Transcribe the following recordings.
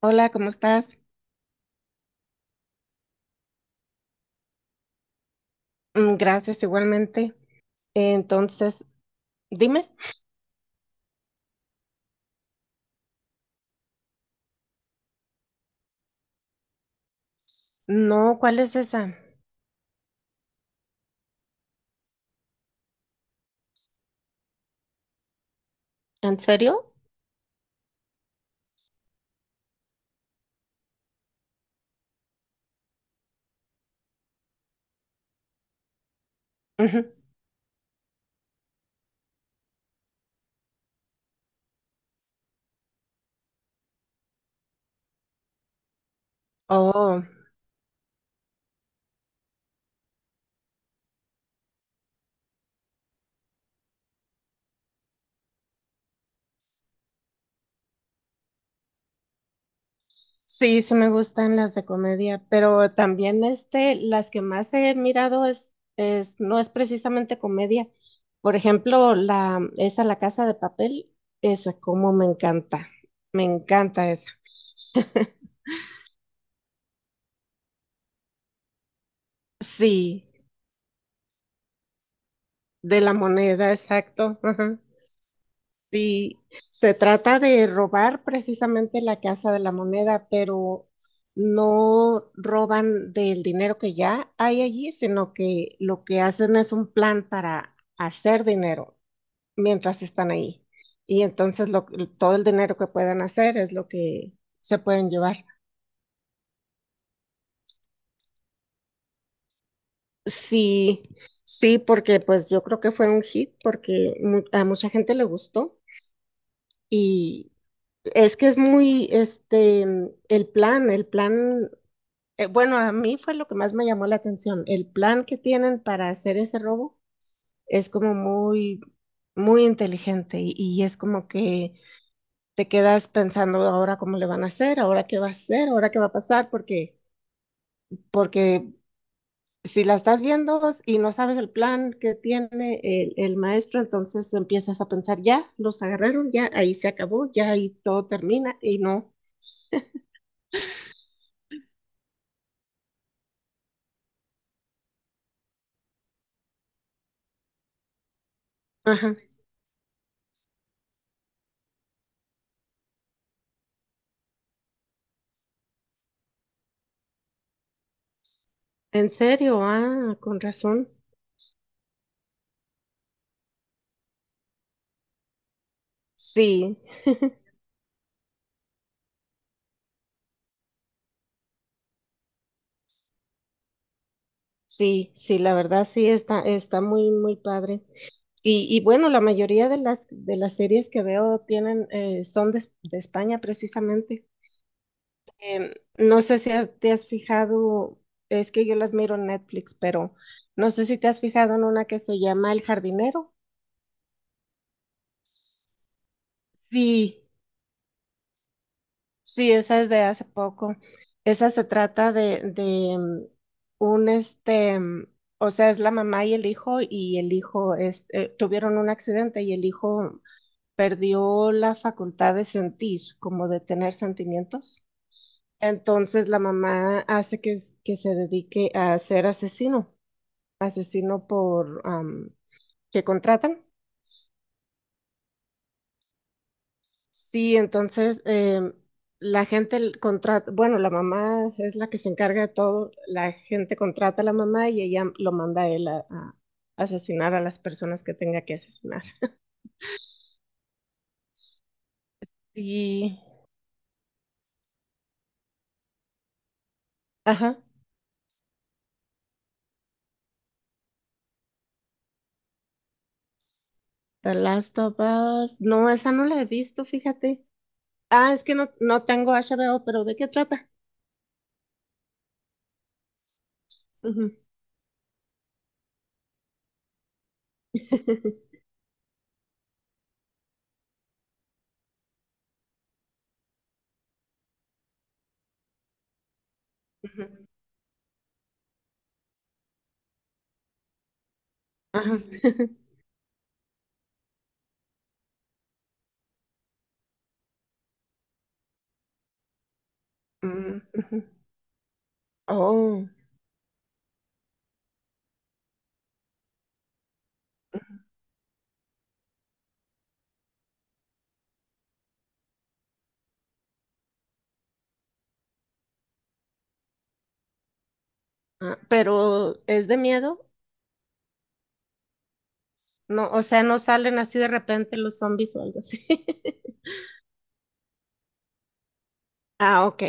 Hola, ¿cómo estás? Mm, gracias, igualmente. Entonces, dime, no, ¿cuál es esa? ¿En serio? Ujú. Oh, sí, sí me gustan las de comedia, pero también este, las que más he mirado es, no es precisamente comedia. Por ejemplo, la, esa La Casa de Papel, esa como me encanta esa. Sí, de la moneda, exacto. Ajá. Sí, se trata de robar precisamente la Casa de la Moneda, pero no roban del dinero que ya hay allí, sino que lo que hacen es un plan para hacer dinero mientras están ahí. Y entonces todo el dinero que puedan hacer es lo que se pueden llevar. Sí, sí, porque pues yo creo que fue un hit porque a mucha gente le gustó y es que es muy, este, el plan. Bueno, a mí fue lo que más me llamó la atención. El plan que tienen para hacer ese robo es como muy, muy inteligente y es como que te quedas pensando ahora cómo le van a hacer, ahora qué va a hacer, ahora qué va a pasar, porque, porque si la estás viendo y no sabes el plan que tiene el maestro, entonces empiezas a pensar, ya, los agarraron, ya, ahí se acabó, ya ahí todo termina y no. Ajá. ¿En serio? Ah, con razón. Sí. Sí, sí, la verdad sí está, está muy, muy padre. Y bueno, la mayoría de las series que veo tienen, son de España precisamente. No sé si te has fijado, es que yo las miro en Netflix, pero no sé si te has fijado en una que se llama El Jardinero. Sí, sí, esa es de hace poco. Esa se trata de un este. O sea, es la mamá y el hijo este, tuvieron un accidente y el hijo perdió la facultad de sentir, como de tener sentimientos. Entonces la mamá hace que se dedique a ser asesino, asesino, que contratan. Sí, entonces la gente contrata, bueno, la mamá es la que se encarga de todo, la gente contrata a la mamá y ella lo manda a él a asesinar a las personas que tenga que asesinar. Y, ajá, The Last of Us, no, esa no la he visto, fíjate. Ah, es que no, no tengo HBO, pero ¿de qué trata? Ujú, ujú, ajá. Mm, ujú. Oh, ah, ¿pero es de miedo? No, o sea, no salen así de repente los zombies o algo así. Ah, ok.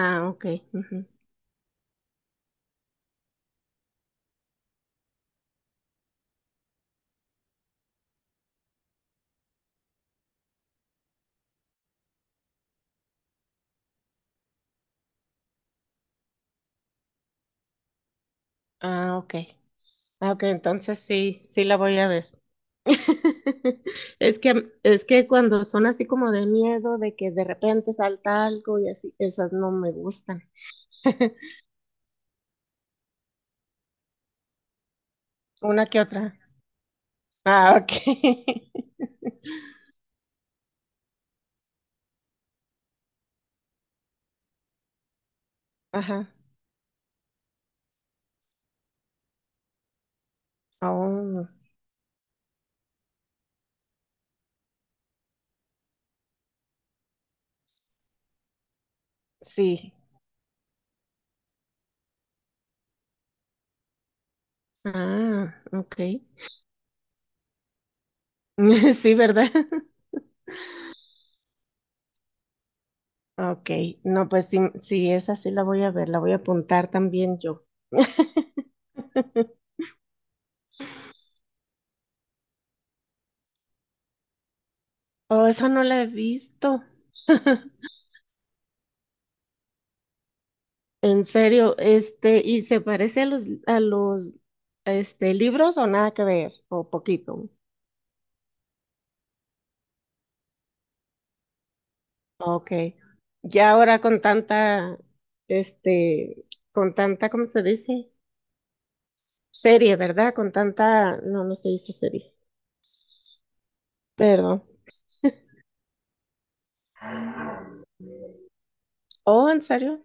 Ah, ok. Ujú. Ah, ok. Ah, ok, entonces sí, sí la voy a ver. Es que, es que cuando son así como de miedo, de que de repente salta algo y así, esas no me gustan. Una que otra. Ah, ok. Ajá. Oh, sí. Ah, ok. Sí, ¿verdad? Ok. No, pues sí, sí, esa sí la voy a ver, la voy a apuntar también yo. Oh, esa no la he visto. En serio, este, ¿y se parece a los libros o nada que ver? O poquito. Ok. Ya ahora con tanta, este, con tanta, ¿cómo se dice? Serie, ¿verdad? Con tanta... No, no se dice serie. Perdón. Oh, ¿en serio?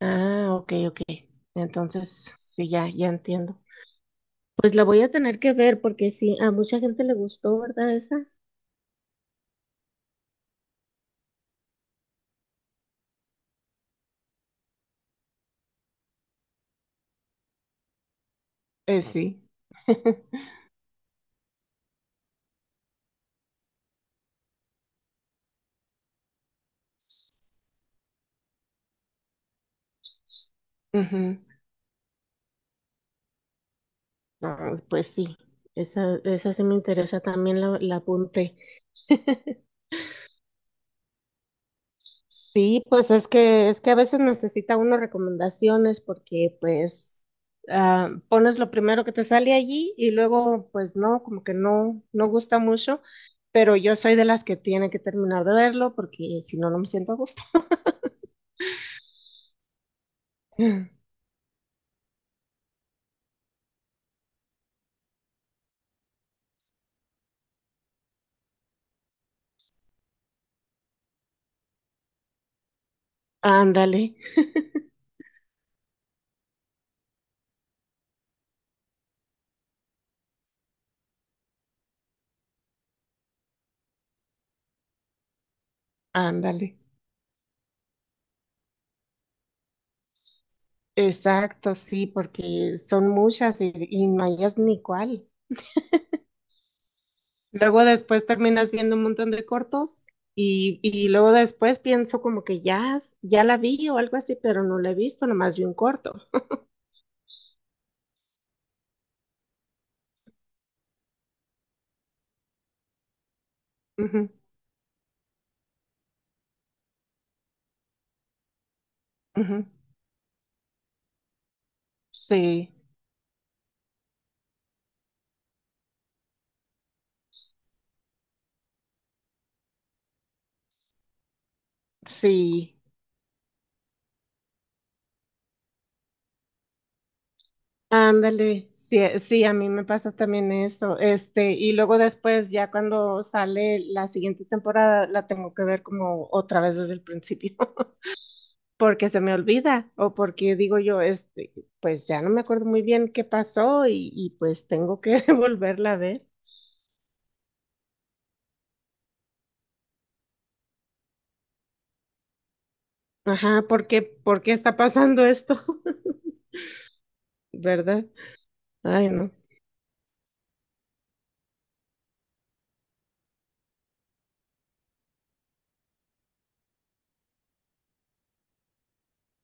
Ah, ok, ok. Entonces, sí, ya, ya entiendo. Pues la voy a tener que ver porque sí, a mucha gente le gustó, ¿verdad? Esa. Sí. Ujú. No, pues sí, esa sí me interesa, también la apunté. Sí, pues es que a veces necesita uno recomendaciones porque pues ah, pones lo primero que te sale allí y luego pues no, como que no gusta mucho, pero yo soy de las que tiene que terminar de verlo porque si no no me siento a gusto. Ándale, ándale. Exacto, sí, porque son muchas y no hayas ni cuál. Luego después terminas viendo un montón de cortos y luego después pienso como que ya, ya la vi o algo así, pero no la he visto, nomás vi un corto. Ujú, ujú. Sí, sí. Ándale, sí, sí, a mí me pasa también eso. Este, y luego después, ya cuando sale la siguiente temporada, la tengo que ver como otra vez desde el principio, porque se me olvida, o porque digo yo, este, pues ya no me acuerdo muy bien qué pasó, y pues tengo que volverla a ver. Ajá, por qué está pasando esto? ¿Verdad? Ay, no.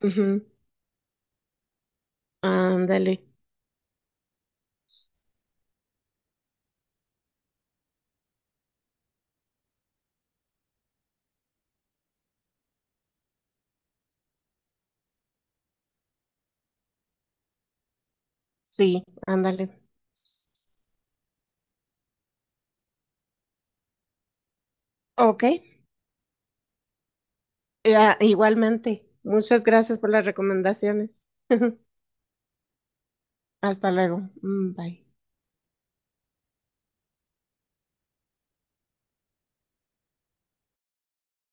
Ujú. Ándale. Sí, ándale. Ok. Ya, igualmente. Muchas gracias por las recomendaciones. Hasta luego. Mm, bye.